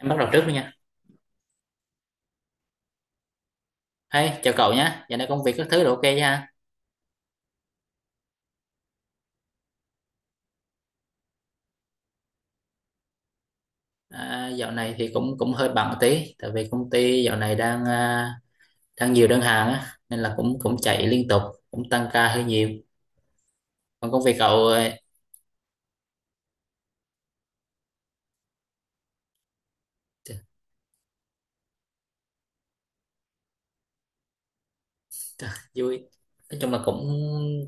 Em bắt đầu trước đi nha. Hey, chào cậu nhé. Dạo này công việc các thứ đều OK ha. À, dạo này thì cũng cũng hơi bận một tí, tại vì công ty dạo này đang nhiều đơn hàng á, nên là cũng cũng chạy liên tục, cũng tăng ca hơi nhiều. Còn công việc cậu trời, trời, vui. Nói chung là cũng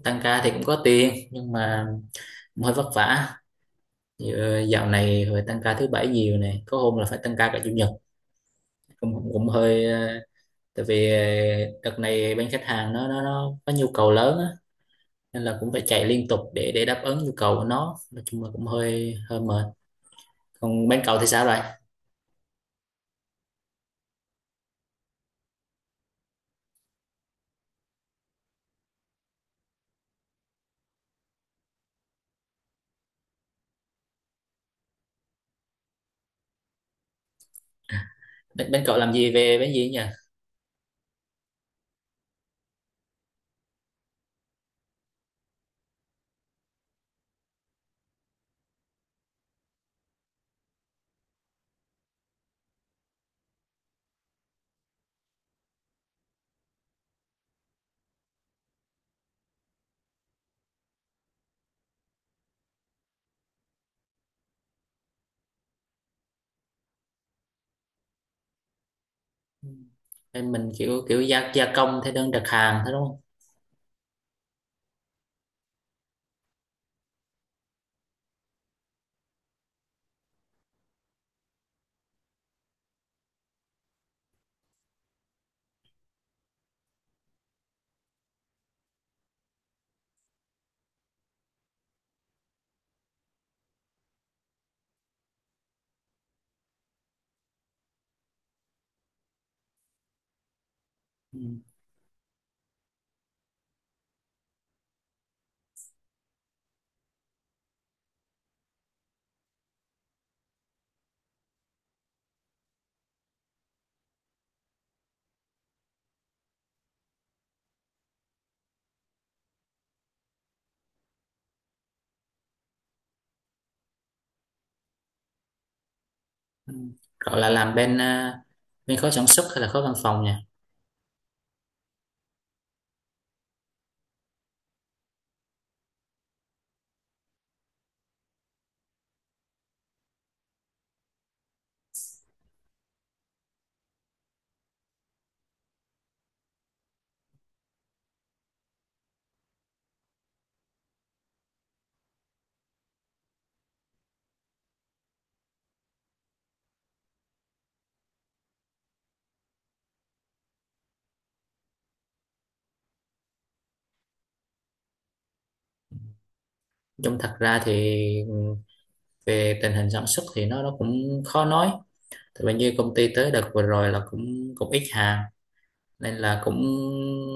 tăng ca thì cũng có tiền, nhưng mà cũng hơi vất vả. Dạo này phải tăng ca thứ bảy nhiều này, có hôm là phải tăng ca cả chủ nhật. Cũng cũng, cũng hơi tại vì đợt này bên khách hàng nó có nhu cầu lớn á, nên là cũng phải chạy liên tục để đáp ứng nhu cầu của nó, nói chung là cũng hơi hơi mệt. Còn bên cậu thì sao rồi? Bên cậu làm gì, về bên gì nhỉ? Bên mình kiểu kiểu gia gia công theo đơn đặt hàng thế đúng không? Ừ. Ừ. Cậu là làm bên bên khối sản xuất hay là khối văn phòng nhỉ? Chung thật ra thì, ừ, về tình hình sản xuất thì nó cũng khó nói. Tại vì như công ty tới đợt vừa rồi là cũng cũng ít hàng, nên là cũng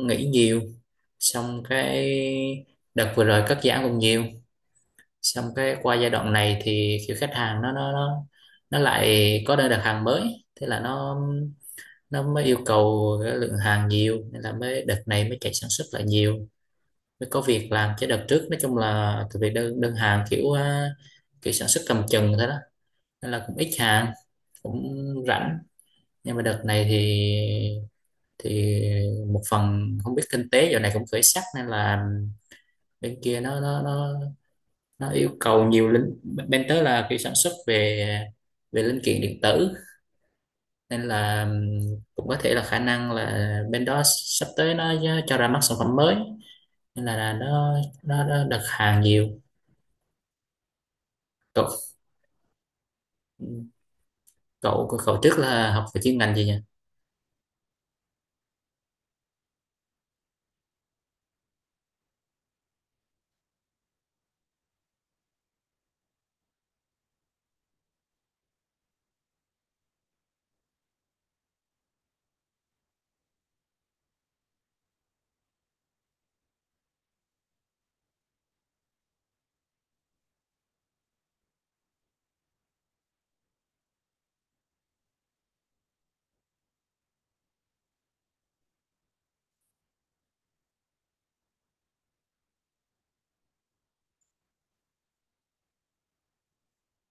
nghỉ nhiều, xong cái đợt vừa rồi cắt giảm cũng nhiều. Xong cái qua giai đoạn này thì kiểu khách hàng nó lại có đơn đặt hàng mới, thế là nó mới yêu cầu cái lượng hàng nhiều, nên là mới đợt này mới chạy sản xuất lại nhiều, mới có việc làm. Chứ đợt trước nói chung là từ về đơn đơn hàng kiểu sản xuất cầm chừng thế đó, nên là cũng ít hàng, cũng rảnh. Nhưng mà đợt này thì thì một phần không biết kinh tế giờ này cũng khởi sắc, nên là bên kia nó yêu cầu nhiều linh. Bên tới là kiểu sản xuất về về linh kiện điện tử, nên là cũng có thể là khả năng là bên đó sắp tới nó cho ra mắt sản phẩm mới, nên là nó đặt hàng nhiều. Cậu cậu cậu trước là học về chuyên ngành gì nhỉ?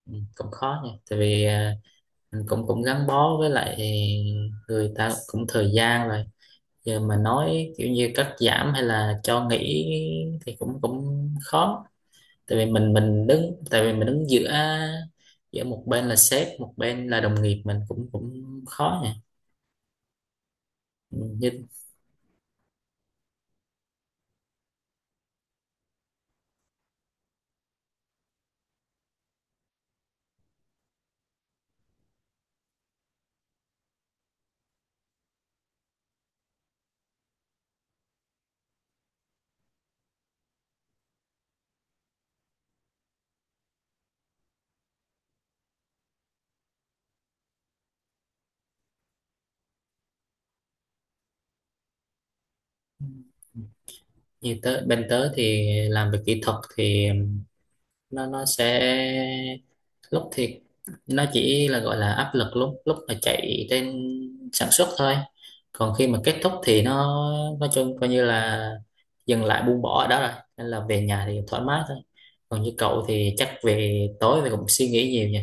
Ừ, cũng khó nhỉ, tại vì mình cũng cũng gắn bó với lại người ta cũng thời gian rồi, giờ mà nói kiểu như cắt giảm hay là cho nghỉ thì cũng cũng khó. Tại vì mình đứng, tại vì mình đứng giữa giữa một bên là sếp, một bên là đồng nghiệp, mình cũng cũng khó nhỉ. Như như tớ, bên tớ thì làm về kỹ thuật thì nó sẽ lúc thì nó chỉ là gọi là áp lực lúc lúc mà chạy trên sản xuất thôi. Còn khi mà kết thúc thì nó nói chung coi như là dừng lại, buông bỏ ở đó rồi, nên là về nhà thì thoải mái thôi. Còn như cậu thì chắc về tối thì cũng suy nghĩ nhiều nhỉ.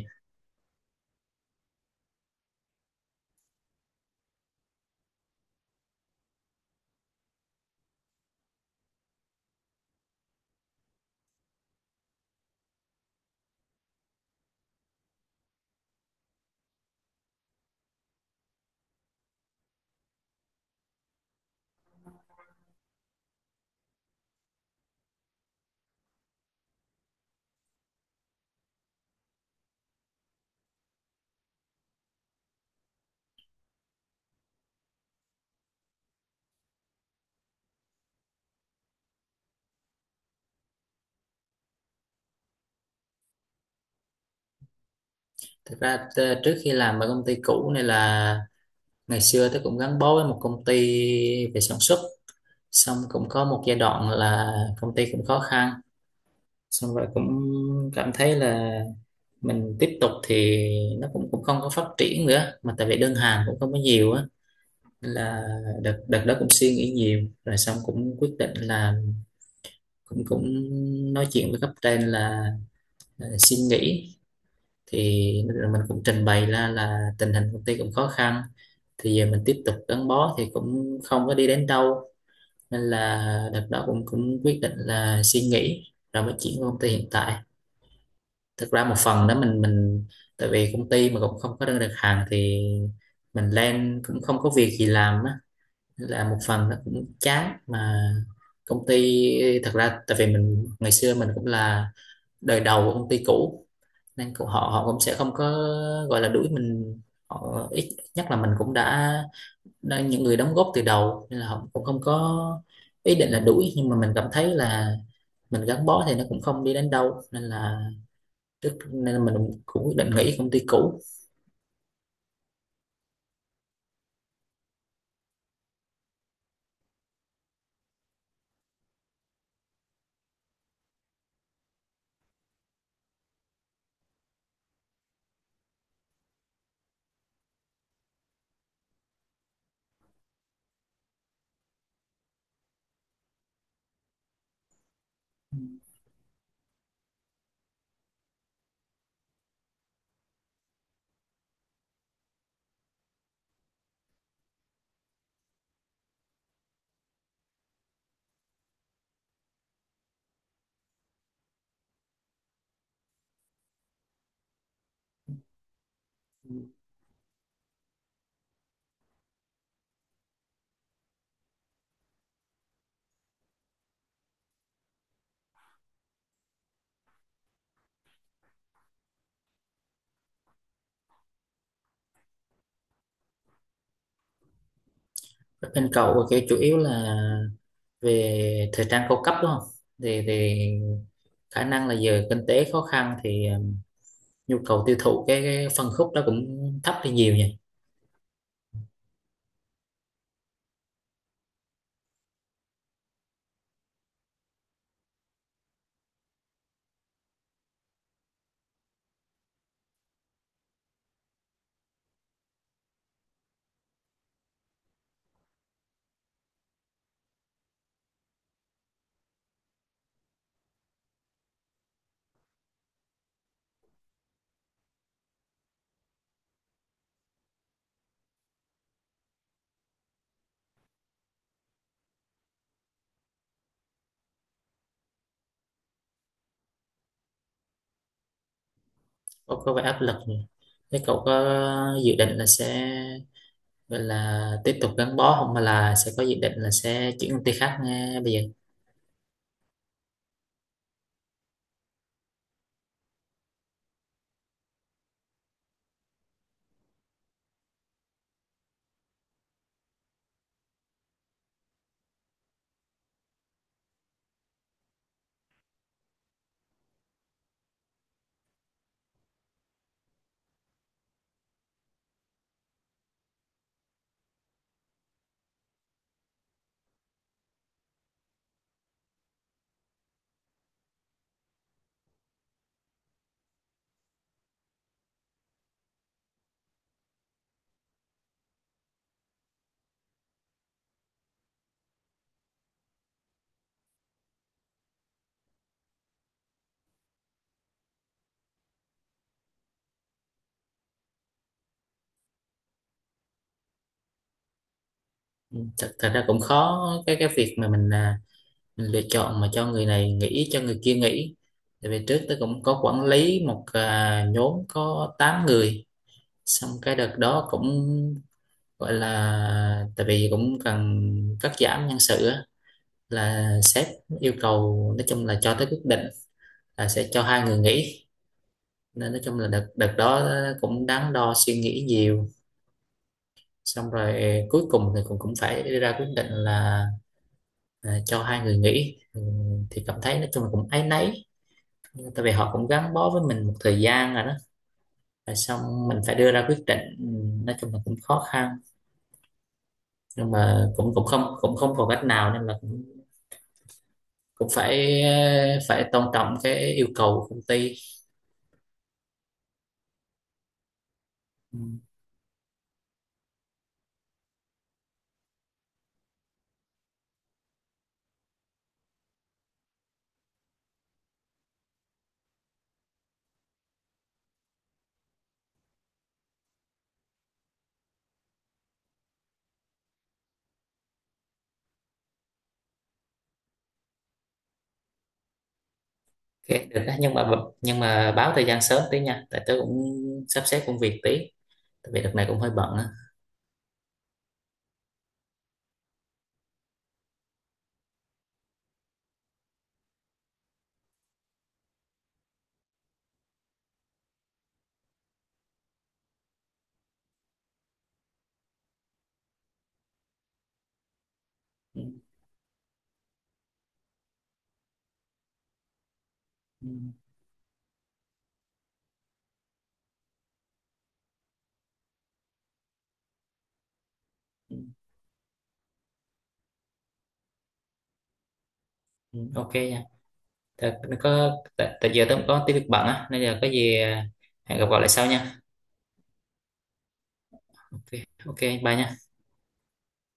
Thực ra trước khi làm ở công ty cũ này là ngày xưa tôi cũng gắn bó với một công ty về sản xuất, xong cũng có một giai đoạn là công ty cũng khó khăn, xong rồi cũng cảm thấy là mình tiếp tục thì nó cũng cũng không có phát triển nữa, mà tại vì đơn hàng cũng không có nhiều á. Nên là đợt đợt đó cũng suy nghĩ nhiều, rồi xong cũng quyết định là cũng cũng nói chuyện với cấp trên là xin nghỉ. Thì rồi mình cũng trình bày ra là tình hình công ty cũng khó khăn, thì giờ mình tiếp tục gắn bó thì cũng không có đi đến đâu, nên là đợt đó cũng cũng quyết định là suy nghĩ, rồi mới chuyển qua công ty hiện tại. Thực ra một phần đó mình tại vì công ty mà cũng không có đơn đặt hàng thì mình lên cũng không có việc gì làm á. Nên là một phần nó cũng chán mà công ty. Thật ra tại vì mình ngày xưa mình cũng là đời đầu của công ty cũ, nên họ họ cũng sẽ không có gọi là đuổi mình. Họ ít ít nhất là mình cũng đã những người đóng góp từ đầu, nên là họ cũng không có ý định là đuổi, nhưng mà mình cảm thấy là mình gắn bó thì nó cũng không đi đến đâu, nên là nên là mình cũng quyết định nghỉ công ty cũ. Bên cậu thì chủ yếu là về thời trang cao cấp đúng không? Thì khả năng là giờ kinh tế khó khăn thì nhu cầu tiêu thụ cái phân khúc đó cũng thấp đi nhiều nhỉ. Có vẻ áp lực nhỉ. Thế cậu có dự định là sẽ gọi là tiếp tục gắn bó không, mà là sẽ có dự định là sẽ chuyển công ty khác nghe bây giờ? Ừ, thật ra cũng khó. Cái việc mà mình mình lựa chọn mà cho người này nghỉ cho người kia nghỉ, tại vì trước tôi cũng có quản lý một nhóm có 8 người. Xong cái đợt đó cũng gọi là tại vì cũng cần cắt giảm nhân sự á, là sếp yêu cầu, nói chung là cho tới quyết định là sẽ cho hai người nghỉ. Nên nói chung là đợt đợt đó cũng đắn đo suy nghĩ nhiều. Xong rồi cuối cùng thì cũng cũng phải đưa ra quyết định là cho hai người nghỉ. Ừ, thì cảm thấy nói chung là cũng áy náy, tại vì họ cũng gắn bó với mình một thời gian rồi đó. Rồi xong mình phải đưa ra quyết định, ừ, nói chung là cũng khó khăn, nhưng mà cũng cũng không còn cách nào, nên là cũng phải phải tôn trọng cái yêu cầu của công ty. Ừ. OK được đó. Nhưng mà báo thời gian sớm tí nha, tại tớ cũng sắp xếp công việc tí, tại vì đợt này cũng hơi bận á. Ừ, ừ, ừ, ừ, OK nha. Tại, có tại, tại giờ tớ cũng có tí việc bận á, nên là có gì hẹn gặp gọi lại sau nha. OK, OK, bye nha.